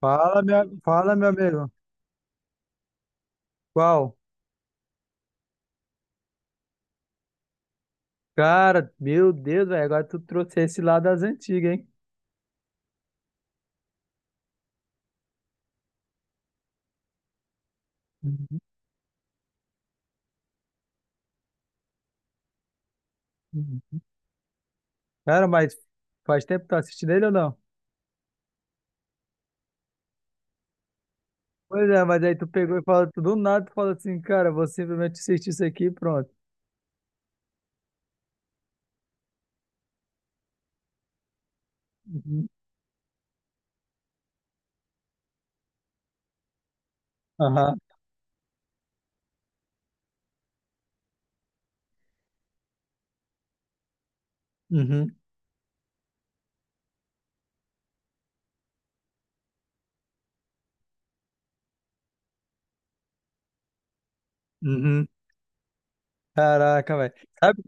Fala, meu amigo. Qual? Cara, meu Deus, velho, agora tu trouxe esse lá das antigas, hein? Uhum. Uhum. Cara, mas faz tempo que tu assistindo ele ou não? Pois é, mas aí tu pegou e falou tudo do nada, tu fala assim, cara, vou simplesmente assistir isso aqui e pronto. Uhum. Aham. Uhum. Uhum. Caraca, velho. Sabe,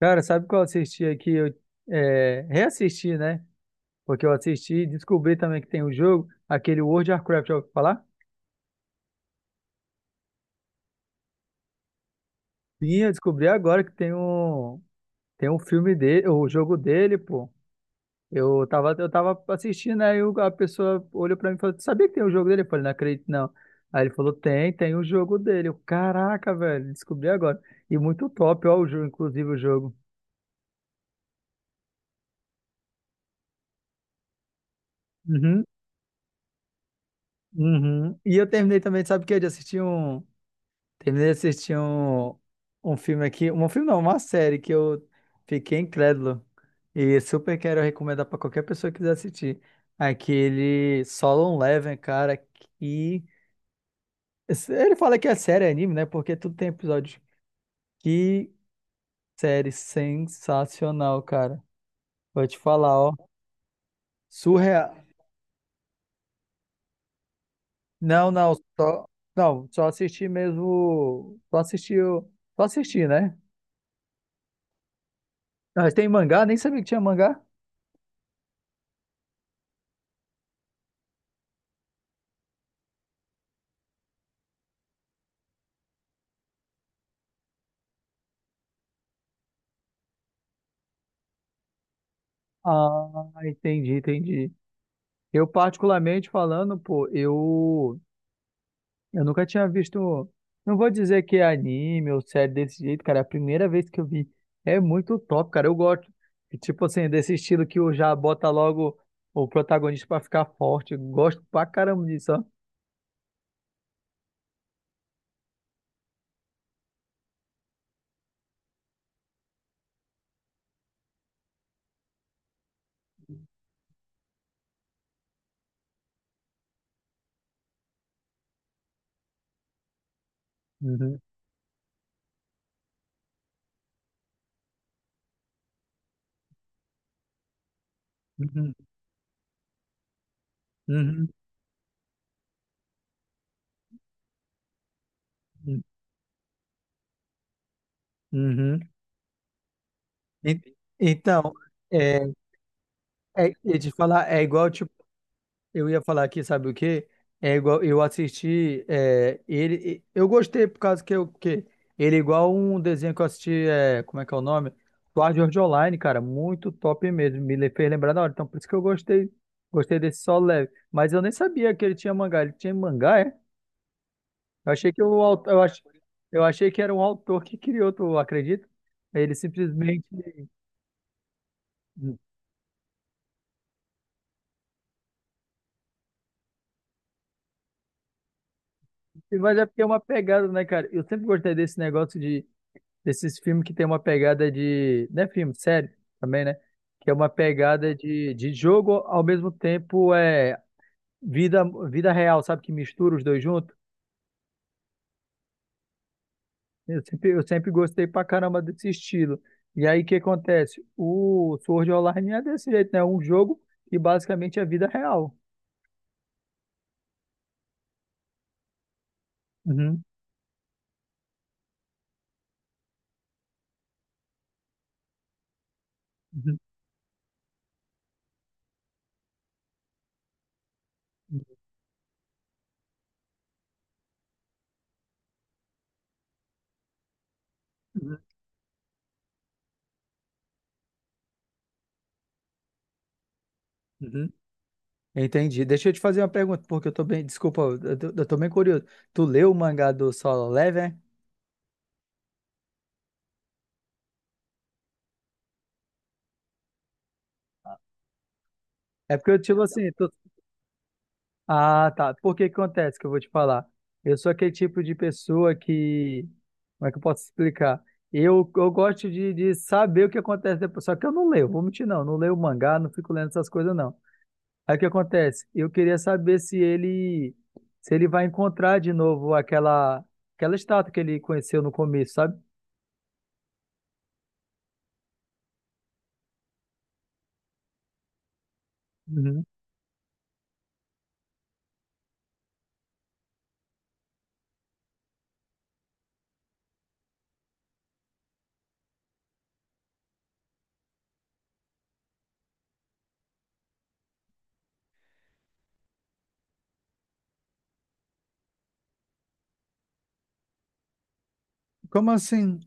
cara, sabe qual eu assisti aqui? Reassisti, né? Porque eu assisti e descobri também que tem um jogo, aquele World of Warcraft, já ouviu falar? Sim, eu descobri agora que tem um. Tem um filme dele, o jogo dele, pô. Eu tava assistindo, aí a pessoa olhou pra mim e falou, "Tu sabia que tem o jogo dele?" Eu falei, não acredito, não. Aí ele falou, tem, tem o jogo dele. Eu, caraca, velho, descobri agora. E muito top, ó, o jogo, inclusive o jogo. Uhum, uhum. E eu terminei também, sabe o quê? De assistir um. Terminei de assistir um filme aqui, um filme não, uma série que eu fiquei incrédulo e super quero recomendar pra qualquer pessoa que quiser assistir. Aquele Solo Leveling, cara, que ele fala que é série, é anime, né? Porque tudo tem episódio. Que série sensacional, cara. Vou te falar, ó, surreal. Não, não, só não, só assisti mesmo, só assisti, só assisti, né? Mas tem mangá, nem sabia que tinha mangá. Ah, entendi. Particularmente falando, pô, eu nunca tinha visto. Não vou dizer que é anime ou série desse jeito, cara. É a primeira vez que eu vi. É muito top, cara. Eu gosto. E, tipo assim, desse estilo que o já bota logo o protagonista pra ficar forte. Eu gosto pra caramba disso, ó. Uhum, uhum, uhum, uhum. Uhum. En- Então, é, eu ia te falar, é igual, tipo. Eu ia falar aqui, sabe o quê? É igual, eu assisti é, ele, e- eu gostei por causa que eu que ele é igual um desenho que eu assisti, é, como é que é o nome? Sword Art Online, cara, muito top mesmo, fez lembrar da hora, então por isso que eu gostei, gostei desse Solo Leve, mas eu nem sabia que ele tinha mangá, é? Eu achei que o autor, eu ach- eu achei que era um autor que criou, tu acredita? Ele simplesmente, mas é porque é uma pegada, né, cara? Eu sempre gostei desse negócio de desses filmes que tem uma pegada de. Não é filme, série também, né? Que é uma pegada de jogo, ao mesmo tempo é vida, vida real, sabe? Que mistura os dois juntos. Eu sempre gostei pra caramba desse estilo. E aí o que acontece? O Sword Online é desse jeito, né? É um jogo que basicamente é vida real. Uhum, uhum, uhum, uhum. Entendi. Deixa eu te fazer uma pergunta, porque eu tô bem. Desculpa, eu tô bem curioso. Tu leu o mangá do Solo Leveling? É porque eu, tipo assim, tu Ah, tá. Por que que acontece que eu vou te falar? Eu sou aquele tipo de pessoa que. Como é que eu posso explicar? Eu gosto de saber o que acontece depois. Só que eu não leio, vou mentir, não. Não leio mangá, não fico lendo essas coisas, não. Aí o que acontece? Eu queria saber se ele vai encontrar de novo aquela estátua que ele conheceu no começo, sabe? Uhum. Como assim?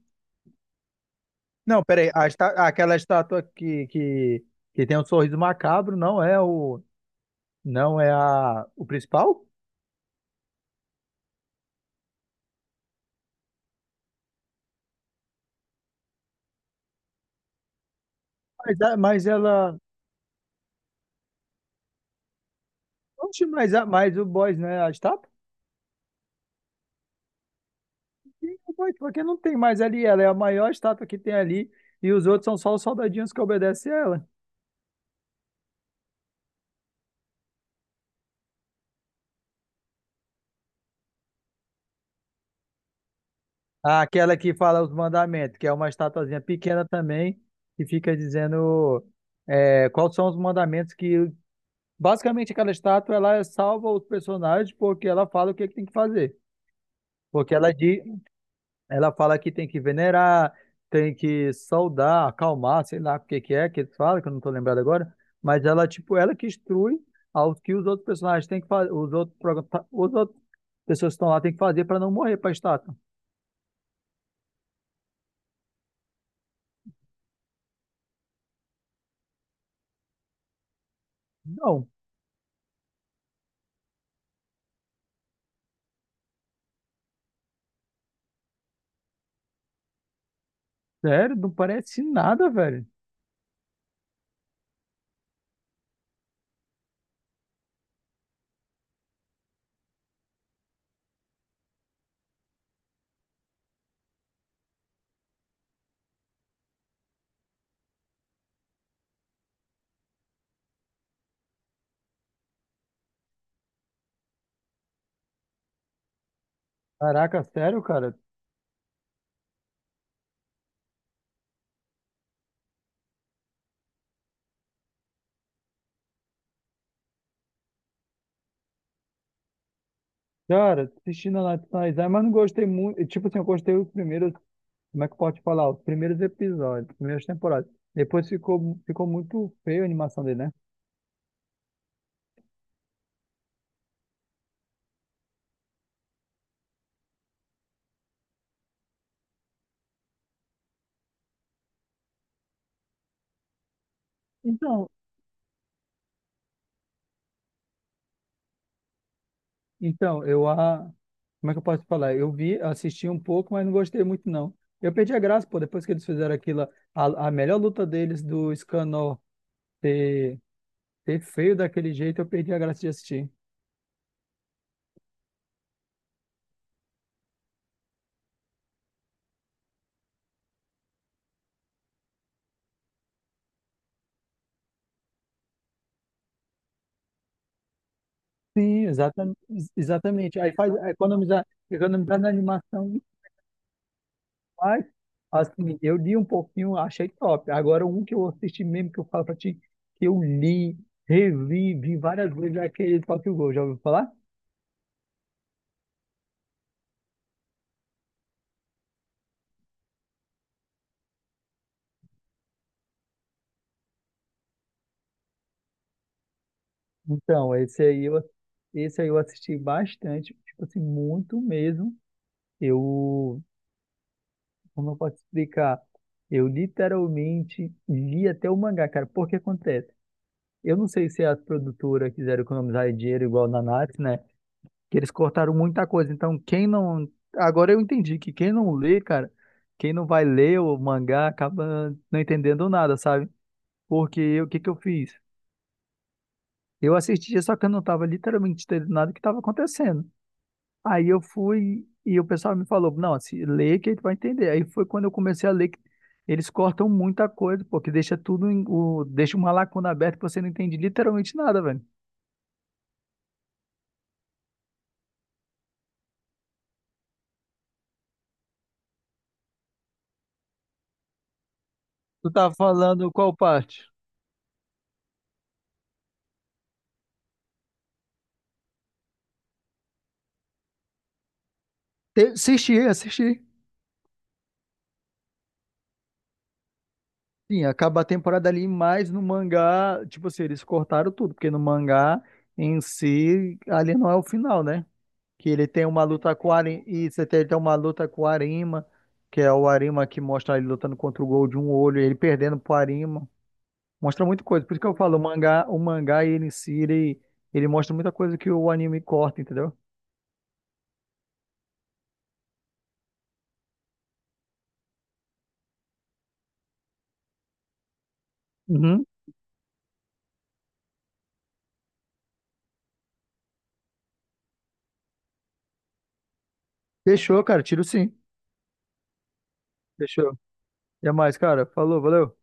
Não, peraí. Aquela estátua que tem um sorriso macabro não é o. Não é o principal? Mas, mas ela. Oxe, mas, mas o boys, né? A estátua? Sim, o boys, porque não tem mais ali. Ela é a maior estátua que tem ali. E os outros são só os soldadinhos que obedecem ela. Ah, aquela que fala os mandamentos, que é uma estatuazinha pequena também, que fica dizendo é, quais são os mandamentos que. Basicamente, aquela estátua ela salva os personagens porque ela fala que tem que fazer. Porque ela diz, ela fala que tem que venerar, tem que saudar, acalmar, sei lá o que que é que eles falam, que eu não tô lembrado agora, mas ela, tipo, ela que instrui ao que os outros personagens têm que fazer, os outros pessoas que estão lá têm que fazer para não morrer pra estátua. Não, sério, não parece nada, velho. Caraca, sério, cara. Cara, assisti na Nationais, mas não gostei muito. Tipo assim, eu gostei os primeiros. Como é que pode falar? Os primeiros episódios, primeiras temporadas. Depois ficou muito feio a animação dele, né? Então, então, eu a. Como é que eu posso falar? Eu vi, assisti um pouco, mas não gostei muito, não. Eu perdi a graça, pô, depois que eles fizeram aquilo, a melhor luta deles do Scanor. Ter Ser feio daquele jeito, eu perdi a graça de assistir. Sim, exatamente. Aí faz economizar na animação faz. Assim, eu li um pouquinho, achei top. Agora, um que eu assisti mesmo, que eu falo pra ti, que eu li, revi, vi várias vezes, é aquele Tokyo Ghoul. Já ouviu falar? Então, esse aí eu, esse aí eu assisti bastante, tipo assim, muito mesmo. Eu, como eu posso explicar? Eu literalmente li até o mangá, cara. Porque acontece? Eu não sei se a produtora quiseram economizar dinheiro igual na Natsu, né? Que eles cortaram muita coisa. Então, quem não. Agora eu entendi que quem não lê, cara, quem não vai ler o mangá acaba não entendendo nada, sabe? Porque o que que eu fiz? Eu assistia, só que eu não tava literalmente entendendo nada do que estava acontecendo. Aí eu fui e o pessoal me falou, não, se lê que tu vai entender. Aí foi quando eu comecei a ler que eles cortam muita coisa, pô, que deixa tudo em, o, deixa uma lacuna aberta que você não entende literalmente nada, velho. Tu tá falando qual parte? Assisti, assisti. Sim, acaba a temporada ali, mas no mangá, tipo assim, eles cortaram tudo, porque no mangá em si, ali não é o final, né? Que ele tem uma luta com o Arima, e você tem, ele tem uma luta com o Arima, que é o Arima que mostra ele lutando contra o Gol de um olho, ele perdendo pro Arima. Mostra muita coisa. Por isso que eu falo, o mangá ele em si, ele mostra muita coisa que o anime corta, entendeu? Uhum. Fechou, cara. Tiro sim. Fechou. Até mais, cara. Falou, valeu.